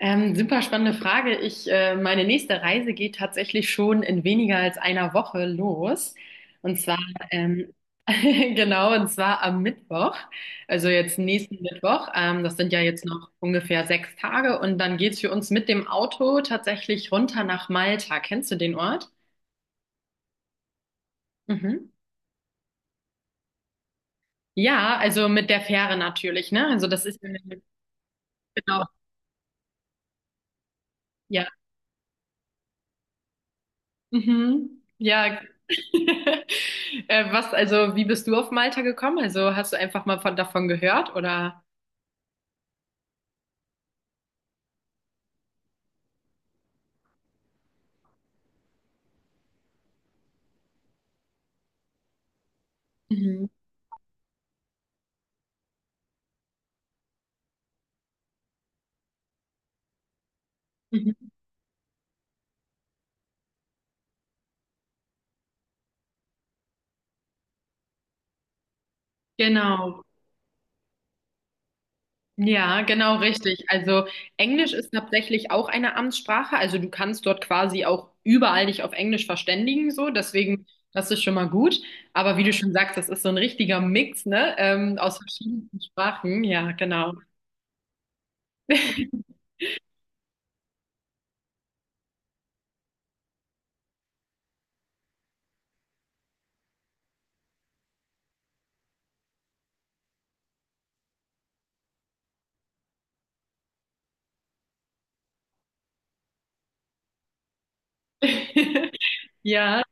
Super spannende Frage. Ich, meine nächste Reise geht tatsächlich schon in weniger als einer Woche los. Und zwar, ähm, genau, und zwar am Mittwoch. Also jetzt nächsten Mittwoch. Das sind ja jetzt noch ungefähr 6 Tage. Und dann geht's für uns mit dem Auto tatsächlich runter nach Malta. Kennst du den Ort? Mhm. Ja, also mit der Fähre natürlich, ne? Also das ist, genau, ja. Mhm. Ja. Also, wie bist du auf Malta gekommen? Also, hast du einfach mal davon gehört oder? Mhm. Mhm. Genau. Ja, genau richtig. Also, Englisch ist tatsächlich auch eine Amtssprache. Also, du kannst dort quasi auch überall dich auf Englisch verständigen, so. Deswegen, das ist schon mal gut. Aber wie du schon sagst, das ist so ein richtiger Mix, ne? Aus verschiedenen Sprachen. Ja, genau. Ja.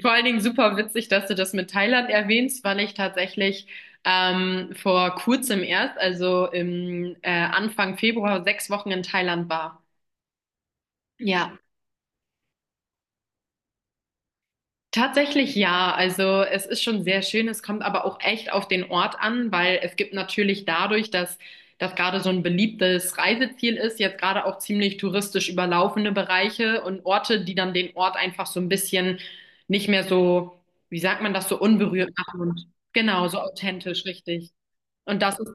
Vor allen Dingen super witzig, dass du das mit Thailand erwähnst, weil ich tatsächlich vor kurzem erst, also im Anfang Februar, 6 Wochen in Thailand war. Ja. Tatsächlich ja. Also es ist schon sehr schön. Es kommt aber auch echt auf den Ort an, weil es gibt natürlich dadurch, dass das gerade so ein beliebtes Reiseziel ist, jetzt gerade auch ziemlich touristisch überlaufene Bereiche und Orte, die dann den Ort einfach so ein bisschen nicht mehr so, wie sagt man das, so unberührt machen und genau, so authentisch, richtig. Und das ist,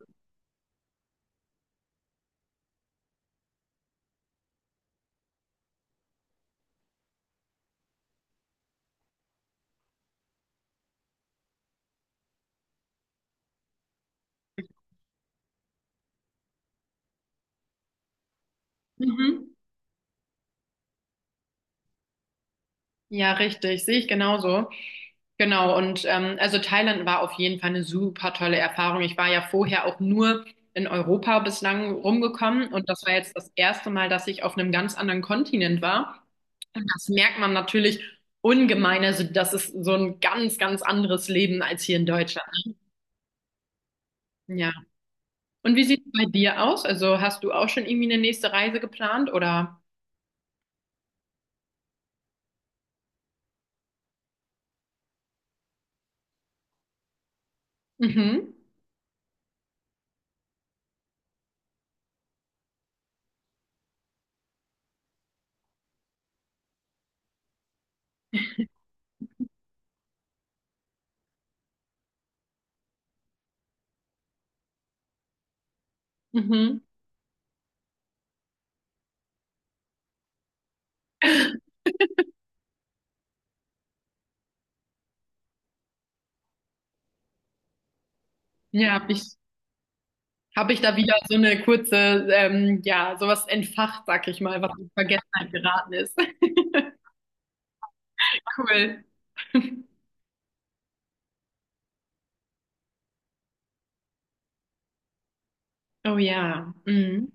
mhm. Ja, richtig, sehe ich genauso. Genau, und also Thailand war auf jeden Fall eine super tolle Erfahrung. Ich war ja vorher auch nur in Europa bislang rumgekommen und das war jetzt das erste Mal, dass ich auf einem ganz anderen Kontinent war. Und das merkt man natürlich ungemein. Also das ist so ein ganz, ganz anderes Leben als hier in Deutschland. Ja. Und wie sieht es bei dir aus? Also hast du auch schon irgendwie eine nächste Reise geplant oder? Mhm. Mhm. Ja, ich. Habe ich da wieder so eine kurze, ja, sowas entfacht, sag ich mal, was in Vergessenheit geraten ist. Cool. Oh ja. Mhm.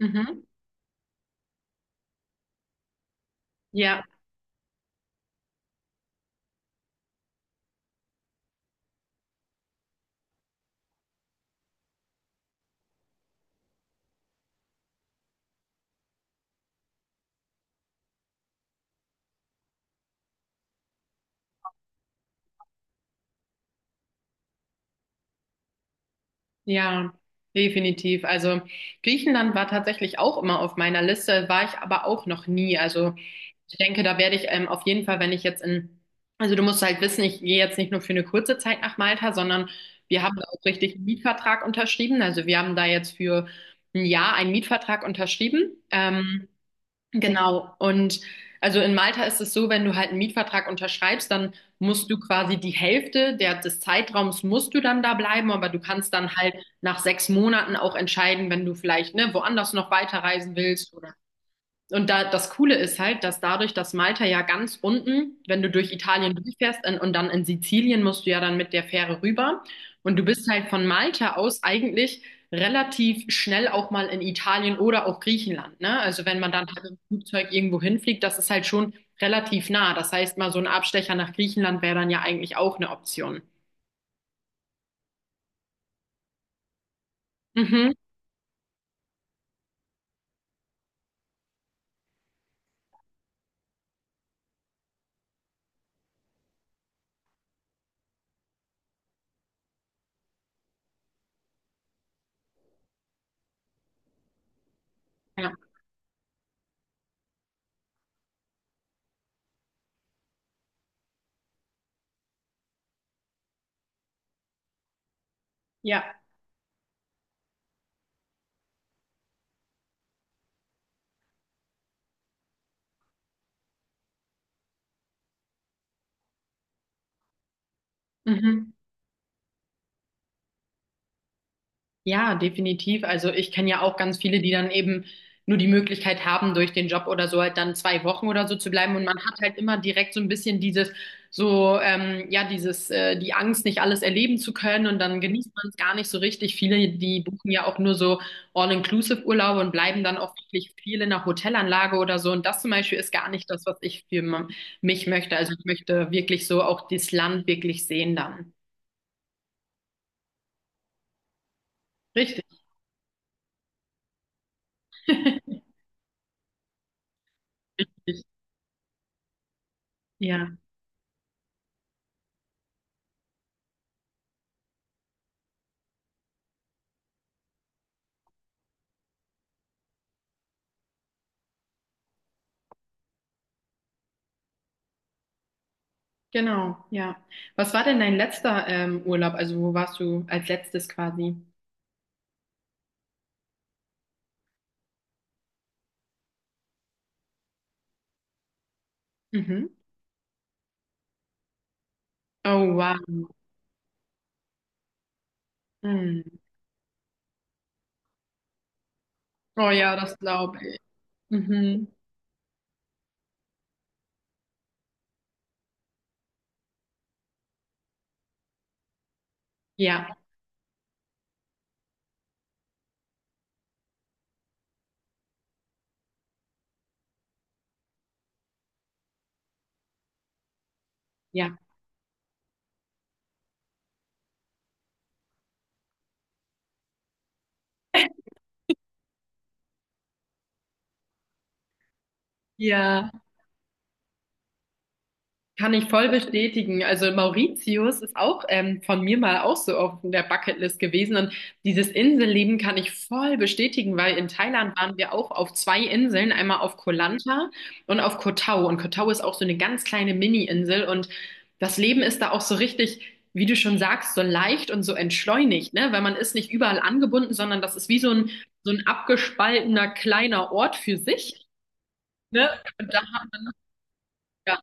Mhm. Ja, ja, definitiv. Also Griechenland war tatsächlich auch immer auf meiner Liste, war ich aber auch noch nie. Also ich denke, da werde ich auf jeden Fall, wenn ich jetzt in, also du musst halt wissen, ich gehe jetzt nicht nur für eine kurze Zeit nach Malta, sondern wir haben da auch richtig einen Mietvertrag unterschrieben. Also wir haben da jetzt für ein Jahr einen Mietvertrag unterschrieben. Genau. Und also in Malta ist es so, wenn du halt einen Mietvertrag unterschreibst, dann musst du quasi die Hälfte der, des Zeitraums musst du dann da bleiben, aber du kannst dann halt nach 6 Monaten auch entscheiden, wenn du vielleicht, ne, woanders noch weiterreisen willst. Oder und da, das Coole ist halt, dass dadurch, dass Malta ja ganz unten, wenn du durch Italien durchfährst in, und dann in Sizilien musst du ja dann mit der Fähre rüber. Und du bist halt von Malta aus eigentlich relativ schnell auch mal in Italien oder auch Griechenland, ne? Also wenn man dann halt im Flugzeug irgendwo hinfliegt, das ist halt schon relativ nah. Das heißt, mal so ein Abstecher nach Griechenland wäre dann ja eigentlich auch eine Option. Mhm. Ja. Ja. Mhm. Ja, definitiv. Also ich kenne ja auch ganz viele, die dann eben nur die Möglichkeit haben, durch den Job oder so halt dann 2 Wochen oder so zu bleiben. Und man hat halt immer direkt so ein bisschen dieses, so, ja, dieses, die Angst, nicht alles erleben zu können. Und dann genießt man es gar nicht so richtig. Viele, die buchen ja auch nur so All-Inclusive-Urlaube und bleiben dann auch wirklich viel in der Hotelanlage oder so. Und das zum Beispiel ist gar nicht das, was ich für mich möchte. Also ich möchte wirklich so auch das Land wirklich sehen dann. Richtig. Ja. Genau, ja. Was war denn dein letzter Urlaub? Also wo warst du als letztes quasi? Mhm. Oh, wow. Mhm. Oh ja, das glaube ich. Mhm. Ja, ja. Ja. Kann ich voll bestätigen. Also Mauritius ist auch von mir mal auch so auf der Bucketlist gewesen. Und dieses Inselleben kann ich voll bestätigen, weil in Thailand waren wir auch auf zwei Inseln, einmal auf Koh Lanta und auf Koh Tao. Und Koh Tao ist auch so eine ganz kleine Mini-Insel. Und das Leben ist da auch so richtig, wie du schon sagst, so leicht und so entschleunigt, ne? Weil man ist nicht überall angebunden, sondern das ist wie so ein abgespaltener kleiner Ort für sich. Ne? Und da, ja.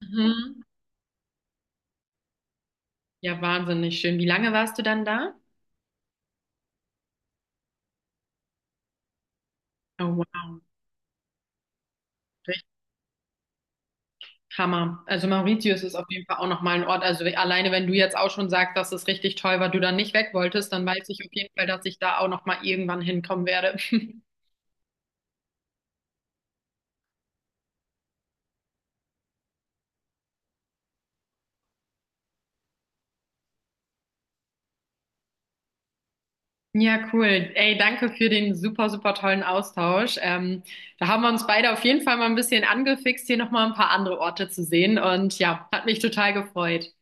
Mhm. Ja, wahnsinnig schön. Wie lange warst du dann da? Oh, wow. Richtig Hammer. Also Mauritius ist auf jeden Fall auch nochmal ein Ort. Also alleine, wenn du jetzt auch schon sagst, dass es richtig toll war, du dann nicht weg wolltest, dann weiß ich auf jeden Fall, dass ich da auch nochmal irgendwann hinkommen werde. Ja, cool. Ey, danke für den super, super tollen Austausch. Da haben wir uns beide auf jeden Fall mal ein bisschen angefixt, hier nochmal ein paar andere Orte zu sehen. Und ja, hat mich total gefreut.